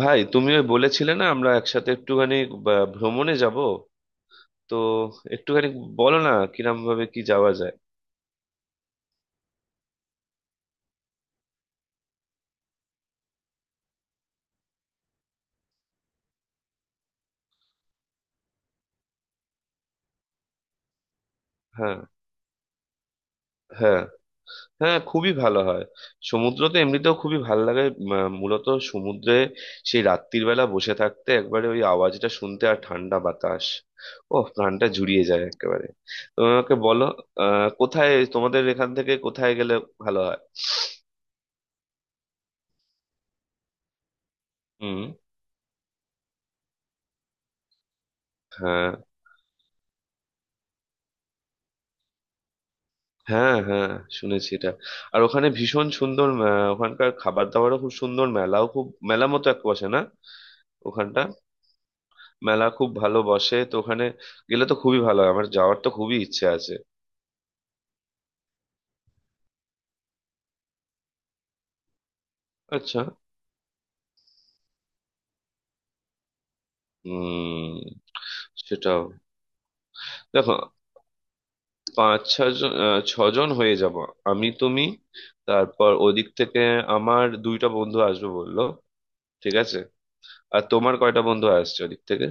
ভাই, তুমি ওই বলেছিলে না আমরা একসাথে একটুখানি ভ্রমণে যাব? তো একটুখানি বলো না কিরম ভাবে কি যাওয়া যায়। হ্যাঁ, হ্যাঁ, হ্যাঁ, খুবই ভালো হয়। সমুদ্র তো এমনিতেও খুবই ভালো লাগে। মূলত সমুদ্রে সেই রাত্রির বেলা বসে থাকতে, একবারে ওই আওয়াজটা শুনতে আর ঠান্ডা বাতাস, ও, প্রাণটা জুড়িয়ে যায় একেবারে। তো আমাকে বলো, কোথায় তোমাদের এখান থেকে কোথায় গেলে ভালো হয়। হুম। হ্যাঁ, হ্যাঁ, হ্যাঁ, শুনেছি এটা। আর ওখানে ভীষণ সুন্দর। ওখানকার খাবার দাবারও খুব সুন্দর, মেলাও খুব, মেলা মতো এক বসে না ওখানটা। মেলা খুব ভালো বসে তো ওখানে, গেলে তো খুবই ভালো হয়। আমার যাওয়ার তো খুবই ইচ্ছে আছে। আচ্ছা। উম। সেটাও। দেখো, পাঁচ ছজন, ছজন হয়ে যাব। আমি, তুমি, তারপর ওদিক থেকে আমার দুইটা বন্ধু আসবে বললো। ঠিক আছে। আর তোমার কয়টা বন্ধু আসছে ওদিক থেকে?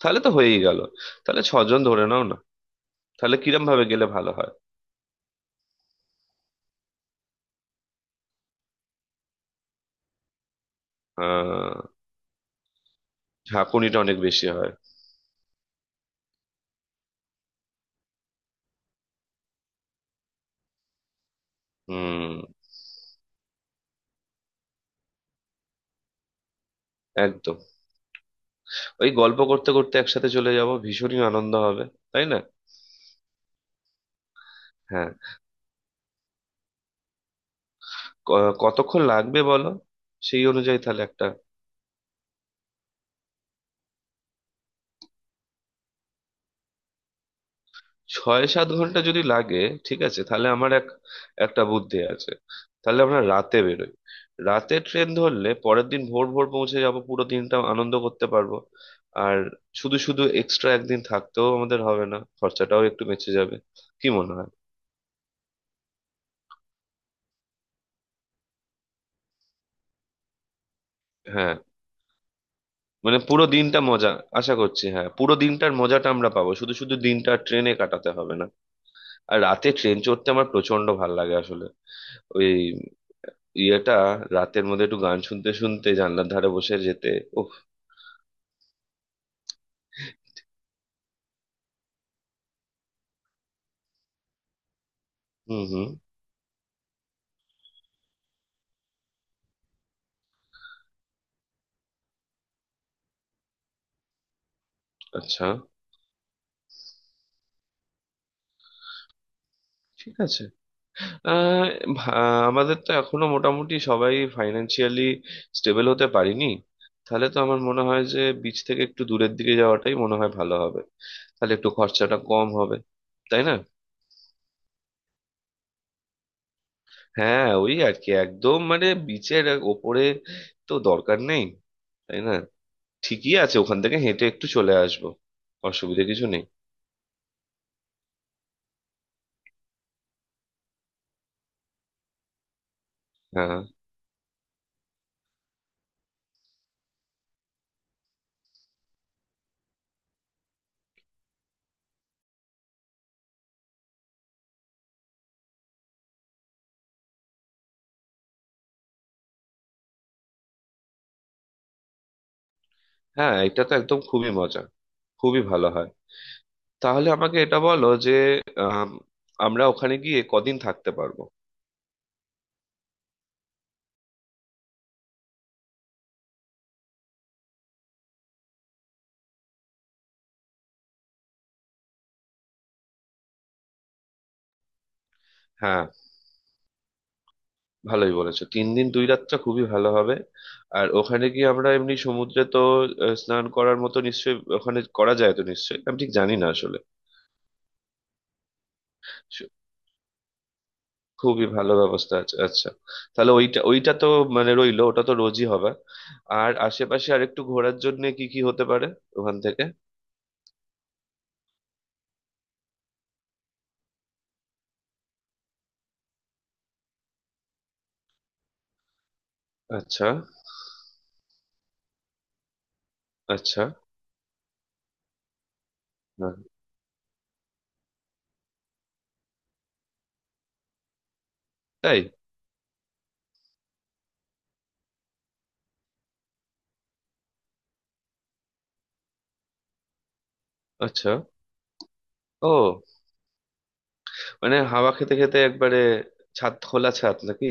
তাহলে তো হয়েই গেল। তাহলে ছজন ধরে নাও না। তাহলে কিরম ভাবে গেলে ভালো হয়? আহ, ঝাঁকুনিটা অনেক বেশি হয়। হুম। একদম, ওই গল্প করতে করতে একসাথে চলে যাব, ভীষণই আনন্দ হবে, তাই না? হ্যাঁ। কতক্ষণ লাগবে বলো? সেই অনুযায়ী তাহলে একটা। ছয় সাত ঘন্টা যদি লাগে, ঠিক আছে, তাহলে আমার একটা বুদ্ধি আছে। তাহলে আমরা রাতে বেরোই। রাতে ট্রেন ধরলে পরের দিন ভোর ভোর পৌঁছে যাব, পুরো দিনটা আনন্দ করতে পারবো। আর শুধু শুধু এক্সট্রা একদিন থাকতেও আমাদের হবে না, খরচাটাও একটু বেঁচে যাবে। কি মনে হয়? হ্যাঁ, মানে পুরো দিনটা মজা। আশা করছি, হ্যাঁ, পুরো দিনটার মজাটা আমরা পাবো, শুধু শুধু দিনটা ট্রেনে কাটাতে হবে না। আর রাতে ট্রেন চড়তে আমার প্রচন্ড ভাল লাগে আসলে। ওই ইয়েটা, রাতের মধ্যে একটু গান শুনতে শুনতে জানলার ধারে বসে যেতে, ও। হুম, হুম। আচ্ছা। ঠিক আছে। আহ, ভা- আমাদের তো এখনো মোটামুটি সবাই ফাইনান্সিয়ালি স্টেবল হতে পারিনি। তাহলে তো আমার মনে হয় যে বিচ থেকে একটু দূরের দিকে যাওয়াটাই মনে হয় ভালো হবে। তাহলে একটু খরচাটা কম হবে, তাই না? হ্যাঁ, ওই আর কি, একদম মানে বিচের ওপরে তো দরকার নেই, তাই না? ঠিকই আছে, ওখান থেকে হেঁটে একটু চলে আসবো, অসুবিধা কিছু নেই। হ্যাঁ, হ্যাঁ, এটা তো একদম খুবই মজা, খুবই ভালো হয়। তাহলে আমাকে এটা বলো যে আম, আমরা ওখানে গিয়ে কদিন থাকতে পারবো? হ্যাঁ, ভালোই বলেছো, তিন দিন দুই রাতটা খুবই ভালো হবে। আর ওখানে গিয়ে আমরা এমনি সমুদ্রে তো, স্নান করার মতো নিশ্চয়ই ওখানে করা যায় তো? নিশ্চয়ই, আমি ঠিক জানি না আসলে। খুবই ভালো ব্যবস্থা আছে, আচ্ছা। তাহলে ওইটা ওইটা তো, মানে রইলো, ওটা তো রোজই হবে। আর আশেপাশে আর একটু ঘোরার জন্য কি কি হতে পারে ওখান থেকে? আচ্ছা। আচ্ছা। হ্যাঁ। তাই? আচ্ছা। ও, মানে হাওয়া খেতে খেতে একবারে, ছাদ খোলা ছাদ নাকি?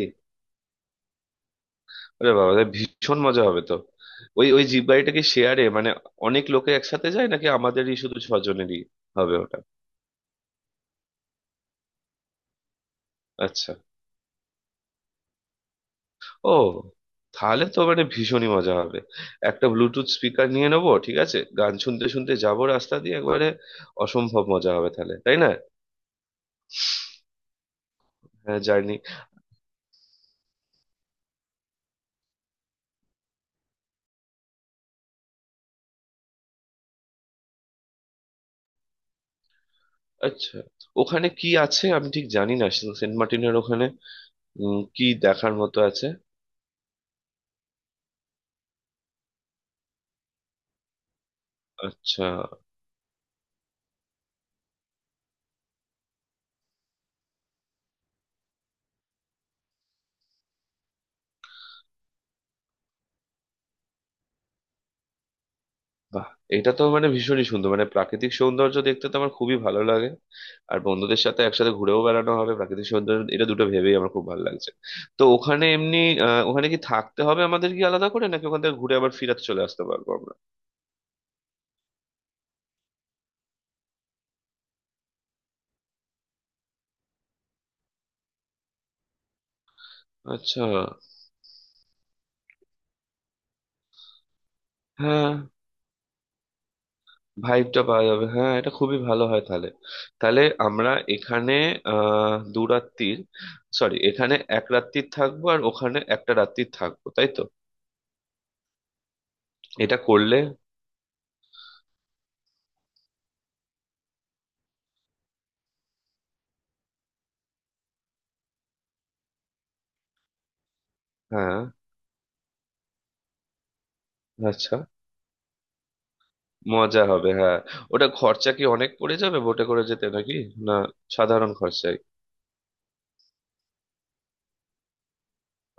আরে বাবা, তাহলে ভীষণ মজা হবে তো। ওই, ওই জিপ গাড়িটা কি শেয়ারে, মানে অনেক লোকে একসাথে যায় নাকি আমাদেরই শুধু ছজনেরই হবে ওটা? আচ্ছা। ও, তাহলে তো মানে ভীষণই মজা হবে। একটা ব্লুটুথ স্পিকার নিয়ে নেবো, ঠিক আছে, গান শুনতে শুনতে যাবো রাস্তা দিয়ে একবারে, অসম্ভব মজা হবে তাহলে, তাই না? হ্যাঁ, জার্নি। আচ্ছা, ওখানে কি আছে আমি ঠিক জানি না, সেন্ট মার্টিনের ওখানে? কি দেখার মতো আছে? আচ্ছা। বাহ, এটা তো মানে ভীষণই সুন্দর, মানে প্রাকৃতিক সৌন্দর্য দেখতে তো আমার খুবই ভালো লাগে। আর বন্ধুদের সাথে একসাথে ঘুরেও বেড়ানো হবে, প্রাকৃতিক সৌন্দর্য, এটা দুটো ভেবেই আমার খুব ভালো লাগছে। তো ওখানে এমনি, আহ, ওখানে কি থাকতে হবে আমাদের, কি আলাদা করে নাকি ওখান থেকে ঘুরে আবার ফিরাতে চলে আসতে পারবো আমরা? আচ্ছা। হ্যাঁ, ভাইবটা পাওয়া যাবে, হ্যাঁ, এটা খুবই ভালো হয় তাহলে। তাহলে আমরা এখানে, আহ, দু রাত্রির, সরি, এখানে এক রাত্রির থাকবো আর ওখানে একটা রাত্রির থাকবো, তাই তো? এটা করলে। হ্যাঁ। আচ্ছা, মজা হবে, হ্যাঁ। ওটা খরচা কি অনেক পড়ে যাবে বোটে করে যেতে নাকি? না, সাধারণ খরচায়?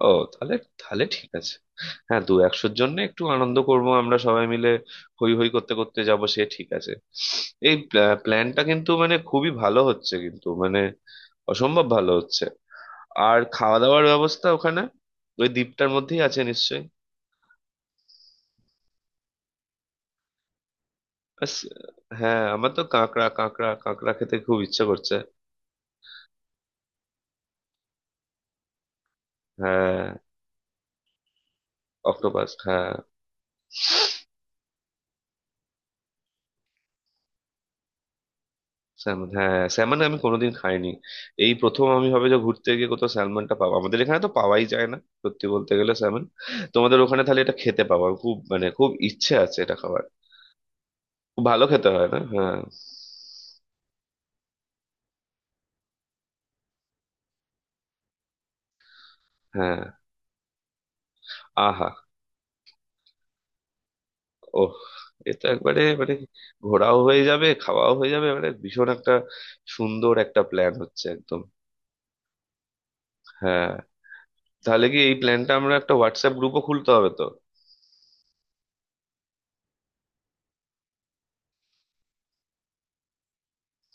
ও, তাহলে, তাহলে ঠিক আছে। হ্যাঁ, দু একশোর জন্য একটু আনন্দ করব আমরা সবাই মিলে, হই হই করতে করতে যাব, সে ঠিক আছে। এই প্ল্যানটা কিন্তু মানে খুবই ভালো হচ্ছে, কিন্তু মানে অসম্ভব ভালো হচ্ছে। আর খাওয়া দাওয়ার ব্যবস্থা ওখানে, ওই দ্বীপটার মধ্যেই আছে নিশ্চয়ই? আস, হ্যাঁ, আমার তো কাঁকড়া, কাঁকড়া, কাঁকড়া খেতে খুব ইচ্ছে করছে। হ্যাঁ, অক্টোপাস, হ্যাঁ। স্যালমন, হ্যাঁ, স্যালমন আমি কোনোদিন খাইনি। এই প্রথম আমি ভাবে যে ঘুরতে গিয়ে কোথাও স্যালমনটা পাবো, আমাদের এখানে তো পাওয়াই যায় না সত্যি বলতে গেলে, স্যালমন। তোমাদের ওখানে তাহলে এটা খেতে পাবো, আমি খুব মানে খুব ইচ্ছে আছে এটা খাবার। খুব ভালো খেতে, হয় না? হ্যাঁ, হ্যাঁ। আহা। ওহ, এ তো একবারে মানে ঘোরাও হয়ে যাবে, খাওয়াও হয়ে যাবে, মানে ভীষণ একটা সুন্দর একটা প্ল্যান হচ্ছে একদম। হ্যাঁ। তাহলে কি এই প্ল্যানটা আমরা একটা হোয়াটসঅ্যাপ গ্রুপও খুলতে হবে তো?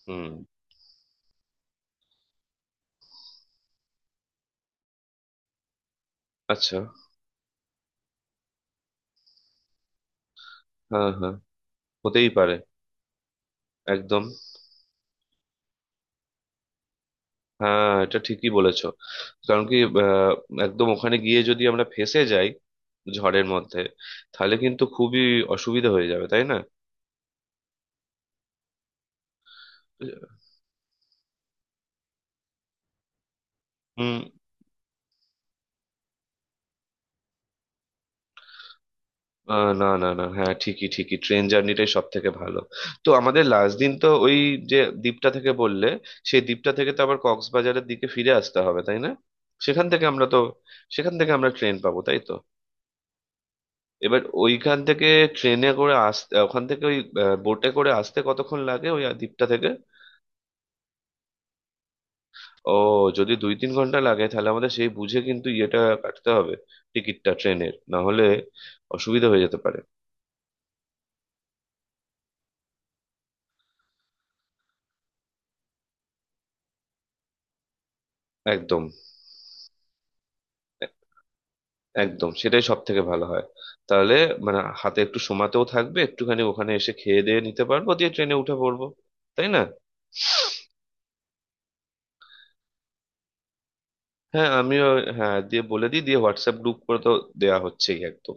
হুম। আচ্ছা। হ্যাঁ, হ্যাঁ, হতেই পারে। একদম। হ্যাঁ, এটা ঠিকই বলেছো। কারণ কি, আহ, একদম ওখানে গিয়ে যদি আমরা ফেঁসে যাই ঝড়ের মধ্যে, তাহলে কিন্তু খুবই অসুবিধা হয়ে যাবে, তাই না? হুম। আহ, না, না, না, হ্যাঁ, ঠিকই, ঠিকই, ট্রেন জার্নিটাই সব থেকে ভালো। তো আমাদের লাস্ট দিন তো ওই যে দ্বীপটা থেকে বললে, সেই দ্বীপটা থেকে তো আবার কক্সবাজারের দিকে ফিরে আসতে হবে, তাই না? সেখান থেকে আমরা তো, সেখান থেকে আমরা ট্রেন পাবো, তাই তো? এবার ওইখান থেকে ট্রেনে করে আসতে, ওখান থেকে ওই বোটে করে আসতে কতক্ষণ লাগে ওই দ্বীপটা থেকে? ও, যদি দুই তিন ঘন্টা লাগে, তাহলে আমাদের সেই বুঝে কিন্তু ইয়েটা কাটতে হবে, টিকিটটা, ট্রেনের। না হলে অসুবিধা হয়ে যেতে পারে। একদম। এ- একদম সেটাই সব থেকে ভালো হয় তাহলে, মানে হাতে একটু সময়তেও থাকবে, একটুখানি ওখানে এসে খেয়ে দিয়ে নিতে পারবো দিয়ে ট্রেনে উঠে পড়বো, তাই না? হ্যাঁ, আমিও, হ্যাঁ, দিয়ে বলে দিই দিয়ে হোয়াটসঅ্যাপ গ্রুপ করে তো দেওয়া হচ্ছেই একদম।